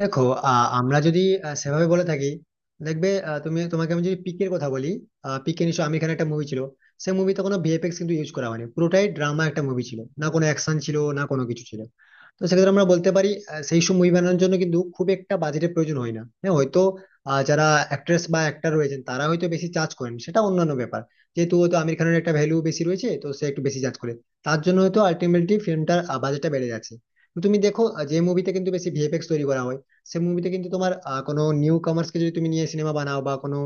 দেখো। আমরা যদি সেভাবে বলে থাকি, দেখবে, তুমি তোমাকে আমি যদি পিকের কথা বলি, পিকে নিশ্চয় আমি এখানে একটা মুভি ছিল। সেই মুভিতে কোনো ভিএফএক্স কিন্তু ইউজ করা হয়নি, পুরোটাই ড্রামা একটা মুভি, ছিল না কোনো অ্যাকশন, ছিল না কোনো কিছু ছিল। তো সেক্ষেত্রে আমরা বলতে পারি সেই সব মুভি বানানোর জন্য কিন্তু খুব একটা বাজেটের প্রয়োজন হয় না। হ্যাঁ, হয়তো যারা অ্যাক্ট্রেস বা অ্যাক্টর রয়েছেন তারা হয়তো বেশি চার্জ করেন, সেটা অন্যান্য ব্যাপার। যেহেতু হয়তো আমির খানের একটা ভ্যালু বেশি রয়েছে, তো সে একটু বেশি চার্জ করে, তার জন্য হয়তো আলটিমেটলি ফিল্মটার বাজেটটা বেড়ে যাচ্ছে। তো তুমি দেখো, যে মুভিতে কিন্তু বেশি ভিএফএক্স তৈরি করা হয়, সে মুভিতে কিন্তু তোমার কোনো নিউ কামার্স কে যদি তুমি নিয়ে সিনেমা বানাও বা কোনো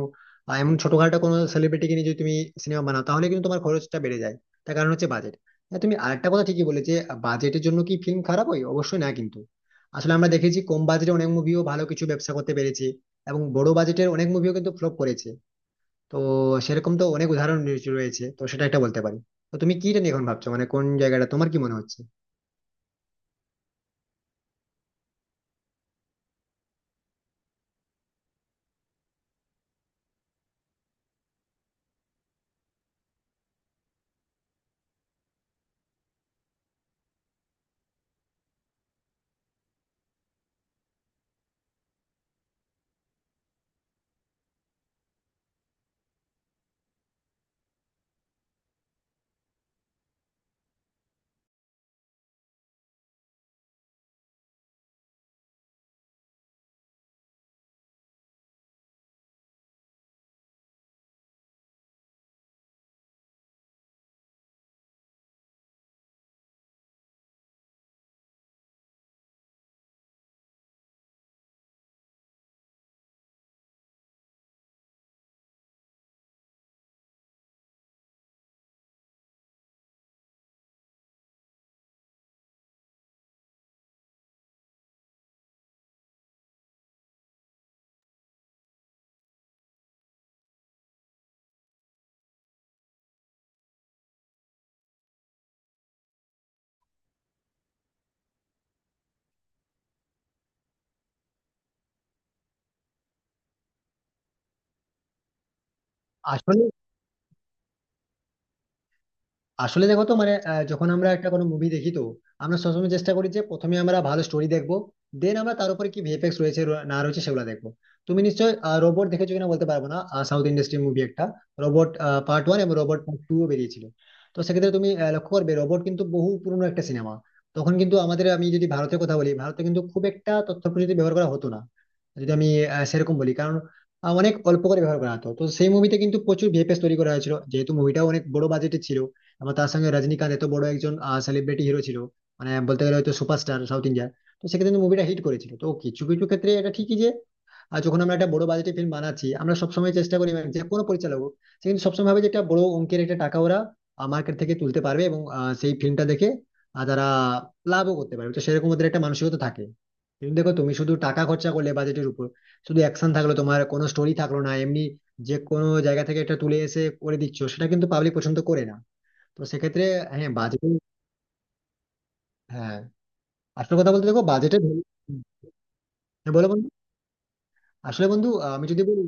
এমন ছোটখাটো কোনো সেলিব্রিটিকে নিয়ে যদি তুমি সিনেমা বানাও, তাহলে কিন্তু তোমার খরচটা বেড়ে যায়। তার কারণ হচ্ছে বাজেট। হ্যাঁ, তুমি আরেকটা কথা ঠিকই বলে, যে বাজেটের জন্য কি ফিল্ম খারাপ হয়? অবশ্যই না, কিন্তু আসলে আমরা দেখেছি কম বাজেটে অনেক মুভিও ভালো কিছু ব্যবসা করতে পেরেছে এবং বড় বাজেটের অনেক মুভিও কিন্তু ফ্লপ করেছে। তো সেরকম তো অনেক উদাহরণ রয়েছে রয়েছে, তো সেটা একটা বলতে পারি। তো তুমি কি নিয়ে এখন ভাবছো, মানে কোন জায়গাটা তোমার কি মনে হচ্ছে? আসলে, আসলে দেখো তো, মানে যখন আমরা একটা কোনো মুভি দেখি, তো আমরা সবসময় চেষ্টা করি যে প্রথমে আমরা ভালো স্টোরি দেখবো, দেন আমরা তার উপরে কি ভিএফএক্স রয়েছে না রয়েছে সেগুলো দেখবো। তুমি নিশ্চয়ই রোবট দেখেছো কিনা বলতে পারবো না। সাউথ ইন্ডাস্ট্রির মুভি একটা রোবট পার্ট ওয়ান এবং রোবট পার্ট টু বেরিয়েছিল। তো সেক্ষেত্রে তুমি লক্ষ্য করবে রোবট কিন্তু বহু পুরনো একটা সিনেমা। তখন কিন্তু আমাদের আমি যদি ভারতের কথা বলি, ভারতে কিন্তু খুব একটা তথ্য প্রযুক্তি ব্যবহার করা হতো না। যদি আমি সেরকম বলি, কারণ অনেক অল্প করে ব্যবহার করা হতো। তো সেই মুভিতে কিন্তু প্রচুর ভিএফএক্স তৈরি করা হয়েছিল, যেহেতু মুভিটাও অনেক বড় বাজেটে ছিল। আবার তার সঙ্গে রজনীকান্ত এত বড় একজন সেলিব্রিটি হিরো ছিল, মানে বলতে গেলে হয়তো সুপারস্টার সাউথ ইন্ডিয়ার। তো সেক্ষেত্রে কিন্তু মুভিটা হিট করেছিল। তো কিছু কিছু ক্ষেত্রে এটা ঠিকই যে যখন আমরা একটা বড় বাজেটের ফিল্ম বানাচ্ছি, আমরা সবসময় চেষ্টা করি, মানে যে কোনো পরিচালক হোক, সে কিন্তু সবসময় ভাবে যে একটা বড় অঙ্কের একটা টাকা ওরা মার্কেট থেকে তুলতে পারবে এবং সেই ফিল্মটা দেখে তারা লাভও করতে পারবে, তো সেরকম ওদের একটা মানসিকতা থাকে। কিন্তু দেখো, তুমি শুধু টাকা খরচা করলে বাজেটের উপর, শুধু অ্যাকশন থাকলো, তোমার কোনো স্টোরি থাকলো না, এমনি যে কোনো জায়গা থেকে একটা তুলে এসে করে দিচ্ছ, সেটা কিন্তু পাবলিক পছন্দ করে না। তো সেক্ষেত্রে হ্যাঁ, বাজেট। হ্যাঁ, আসল কথা বলতে, দেখো বাজেটের। হ্যাঁ বলো বন্ধু। আসলে বন্ধু, আমি যদি বলি,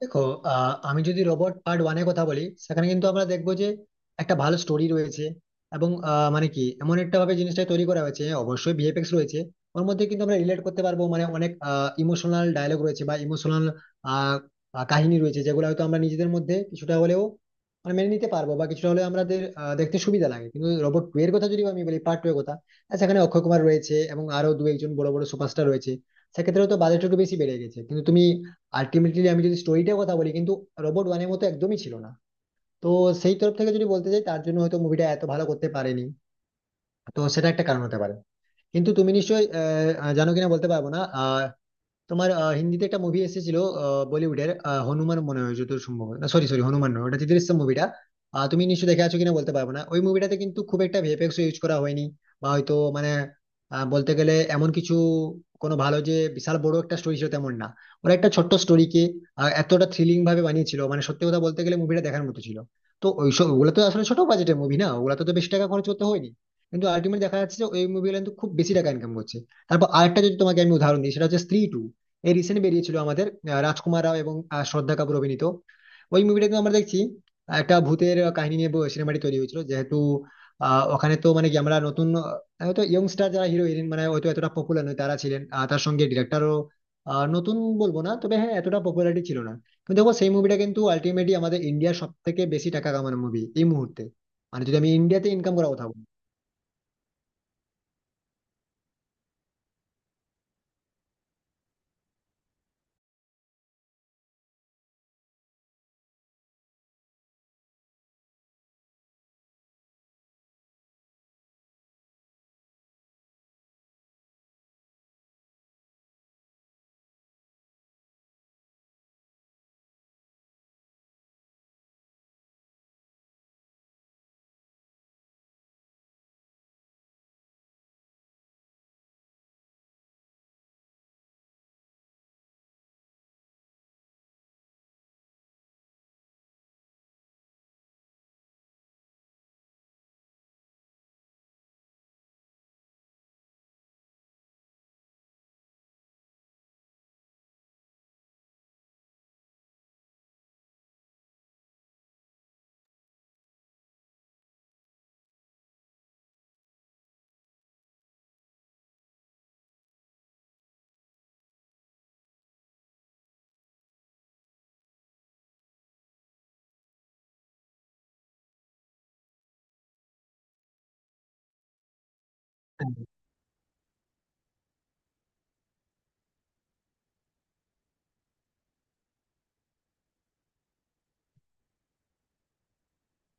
দেখো আমি যদি রোবট পার্ট ওয়ানের কথা বলি, সেখানে কিন্তু আমরা দেখবো যে একটা ভালো স্টোরি রয়েছে এবং মানে কি এমন একটা ভাবে জিনিসটা তৈরি করা হয়েছে, অবশ্যই ভিএফএক্স রয়েছে ওর মধ্যে, কিন্তু আমরা রিলেট করতে পারবো, মানে অনেক ইমোশনাল ডায়লগ রয়েছে বা ইমোশনাল কাহিনী রয়েছে যেগুলো হয়তো আমরা নিজেদের মধ্যে কিছুটা হলেও মানে মেনে নিতে পারবো বা কিছুটা হলেও আমাদের দেখতে সুবিধা লাগে। কিন্তু রোবট টু এর কথা যদি আমি বলি, পার্ট টু এর কথা, সেখানে অক্ষয় কুমার রয়েছে এবং আরো দু একজন বড় বড় সুপারস্টার রয়েছে। সেক্ষেত্রে তো বাজেট একটু বেশি বেড়ে গেছে, কিন্তু তুমি আলটিমেটলি আমি যদি স্টোরিটার কথা বলি, কিন্তু রোবট ওয়ানের মতো একদমই ছিল না। তো সেই তরফ থেকে যদি বলতে চাই, তার জন্য হয়তো মুভিটা এত ভালো করতে পারেনি। তো সেটা একটা কারণ হতে পারে। কিন্তু তুমি নিশ্চয়ই আহ, আহ, জানো কিনা বলতে পারবো না, তোমার হিন্দিতে একটা মুভি এসেছিল, বলিউডের হনুমান মনে হয় যত সম্ভব। না, সরি সরি হনুমান নয়, ওটা চিত্রিশ মুভিটা। তুমি নিশ্চয়ই দেখে আছো কিনা বলতে পারবো না। ওই মুভিটাতে কিন্তু খুব একটা ভিএফএক্স ইউজ করা হয়নি, বা হয়তো মানে বলতে গেলে এমন কিছু কোনো ভালো যে বিশাল বড় একটা স্টোরি ছিল তেমন না। ওরা একটা ছোট্ট স্টোরিকে এতটা থ্রিলিং ভাবে বানিয়েছিল, মানে সত্যি কথা বলতে গেলে মুভিটা দেখার মতো ছিল। তো ওইসব ওগুলো তো আসলে ছোট বাজেটের মুভি, না ওগুলো তো তো বেশি টাকা খরচ করতে হয়নি, কিন্তু আলটিমেটলি দেখা যাচ্ছে যে ওই মুভিগুলো কিন্তু খুব বেশি টাকা ইনকাম করছে। তারপর আরেকটা যদি তোমাকে আমি উদাহরণ দিই, সেটা হচ্ছে স্ত্রী টু। এই রিসেন্ট বেরিয়েছিল আমাদের রাজকুমার রাও এবং শ্রদ্ধা কাপুর অভিনীত। ওই মুভিটা কিন্তু আমরা দেখছি একটা ভূতের কাহিনী নিয়ে সিনেমাটি তৈরি হয়েছিল। যেহেতু ওখানে তো মানে কি আমরা নতুন হয়তো ইয়ংস্টার যারা হিরো হিরোইন, মানে হয়তো এতটা পপুলার নয় তারা ছিলেন, আর তার সঙ্গে ডিরেক্টরও নতুন বলবো না, তবে হ্যাঁ এতটা পপুলারিটি ছিল না। কিন্তু দেখো, সেই মুভিটা কিন্তু আলটিমেটলি আমাদের ইন্ডিয়ার সব থেকে বেশি টাকা কামানো মুভি এই মুহূর্তে, মানে যদি আমি ইন্ডিয়াতে ইনকাম করার কথা বলি।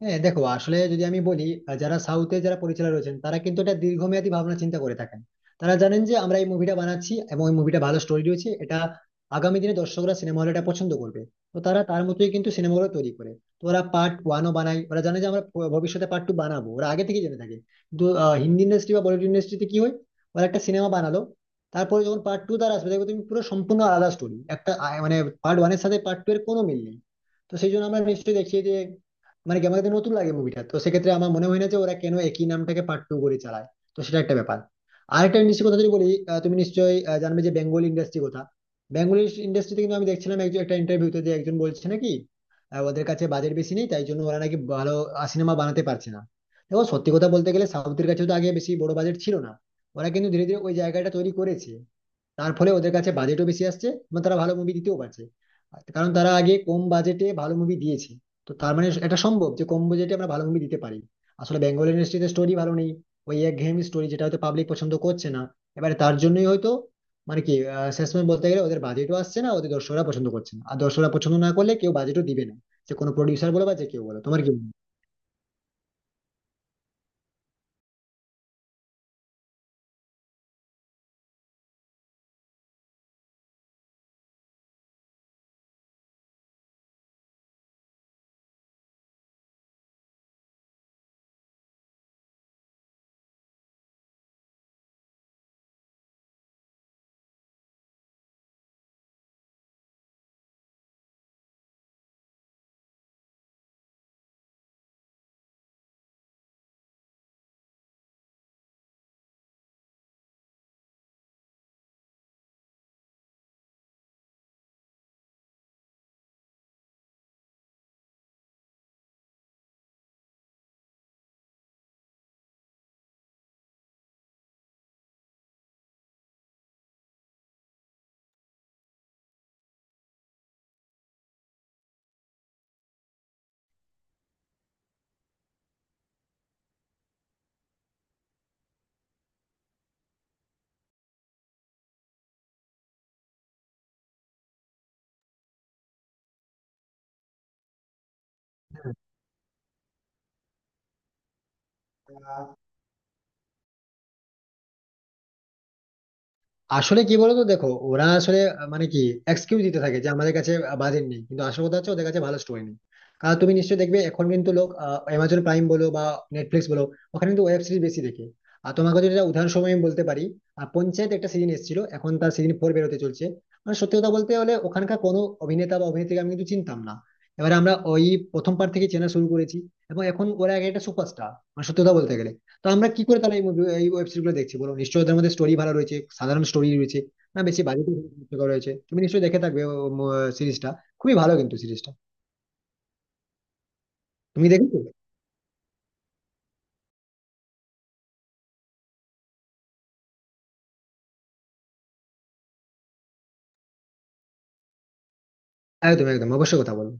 হ্যাঁ দেখো, আসলে যদি আমি বলি, যারা সাউথে যারা পরিচালক রয়েছেন তারা কিন্তু একটা দীর্ঘমেয়াদী ভাবনা চিন্তা করে থাকেন। তারা জানেন যে আমরা এই মুভিটা বানাচ্ছি এবং এই মুভিটা ভালো স্টোরি রয়েছে, এটা আগামী দিনে দর্শকরা সিনেমা হলে এটা পছন্দ করবে। তো তারা তার মতোই কিন্তু সিনেমাগুলো তৈরি করে। তো ওরা পার্ট ওয়ানও বানায়, ওরা জানে যে আমরা ভবিষ্যতে পার্ট টু বানাবো, ওরা আগে থেকে জেনে থাকে। কিন্তু হিন্দি ইন্ডাস্ট্রি বা বলিউড ইন্ডাস্ট্রিতে কি হয়, ওরা একটা সিনেমা বানালো, তারপরে যখন পার্ট টু তারা আসবে, দেখবে তুমি পুরো সম্পূর্ণ আলাদা স্টোরি একটা মানে, পার্ট ওয়ানের সাথে পার্ট টু এর কোনো মিল নেই। তো সেই জন্য আমরা নিশ্চয়ই দেখি যে মানে কি আমাকে তো নতুন লাগে মুভিটা। তো সেক্ষেত্রে আমার মনে হয় না যে ওরা কেন একই নামটাকে পার্ট টু করে চালায়। তো সেটা একটা ব্যাপার। আরেকটা নিশ্চয় কথা যদি বলি, তুমি নিশ্চয়ই জানবে যে বেঙ্গল ইন্ডাস্ট্রি কথা। বেঙ্গল ইন্ডাস্ট্রিতে কিন্তু আমি দেখছিলাম একজন একটা ইন্টারভিউতে যে একজন বলছে নাকি ওদের কাছে বাজেট বেশি নেই, তাই জন্য ওরা নাকি ভালো সিনেমা বানাতে পারছে না। দেখো, সত্যি কথা বলতে গেলে সাউথের কাছেও তো আগে বেশি বড় বাজেট ছিল না। ওরা কিন্তু ধীরে ধীরে ওই জায়গাটা তৈরি করেছে। তার ফলে ওদের কাছে বাজেটও বেশি আসছে এবং তারা ভালো মুভি দিতেও পারছে, আর কারণ তারা আগে কম বাজেটে ভালো মুভি দিয়েছে। তো তার মানে এটা সম্ভব যে কম বাজেটে আমরা ভালো মুভি দিতে পারি। আসলে বেঙ্গল ইন্ডাস্ট্রিতে স্টোরি ভালো নেই, ওই একঘেয়েমি স্টোরি যেটা হয়তো পাবলিক পছন্দ করছে না। এবারে তার জন্যই হয়তো মানে কি শেষমেশ বলতে গেলে ওদের বাজেটও আসছে না, ওদের দর্শকরা পছন্দ করছে না, আর দর্শকরা পছন্দ না করলে কেউ বাজেটও দিবে না, যে কোনো প্রডিউসার বলো বা যে কেউ বলো। তোমার কি মনে হয়? আহ আসলে কি বলতো, দেখো ওরা আসলে মানে কি এক্সকিউজ দিতে থাকে যে আমাদের কাছে বাজেট নেই, কিন্তু আসল কথা হচ্ছে ওদের কাছে ভালো স্টোরি নেই। কারণ তুমি নিশ্চয়ই দেখবে এখন কিন্তু লোক অ্যামাজন প্রাইম বলো বা নেটফ্লিক্স বলো, ওখানে কিন্তু ওয়েব সিরিজ বেশি দেখে। আর তোমাকে যদি একটা উদাহরণস্বরূপ আমি বলতে পারি, পঞ্চায়েত একটা সিজন এসেছিল, এখন তার সিজন ফোর বেরোতে চলছে। মানে সত্যি কথা বলতে হলে ওখানকার কোনো অভিনেতা বা অভিনেত্রীকে আমি কিন্তু চিনতাম না। এবারে আমরা ওই প্রথম পার্ট থেকে চেনা শুরু করেছি, এবং এখন ওরা এক একটা সুপারস্টার, মানে সত্যি কথা বলতে গেলে। তো আমরা কি করে তাহলে এই মুভি, এই ওয়েব সিরিজ গুলো দেখছি বলো? নিশ্চয়ই ওদের মধ্যে স্টোরি ভালো রয়েছে, সাধারণ স্টোরি রয়েছে, না বেশি বাজেট রয়েছে। তুমি নিশ্চয়ই দেখে থাকবে সিরিজটা, খুবই ভালো কিন্তু সিরিজটা। তুমি দেখেছো? একদম একদম, অবশ্যই কথা বলো।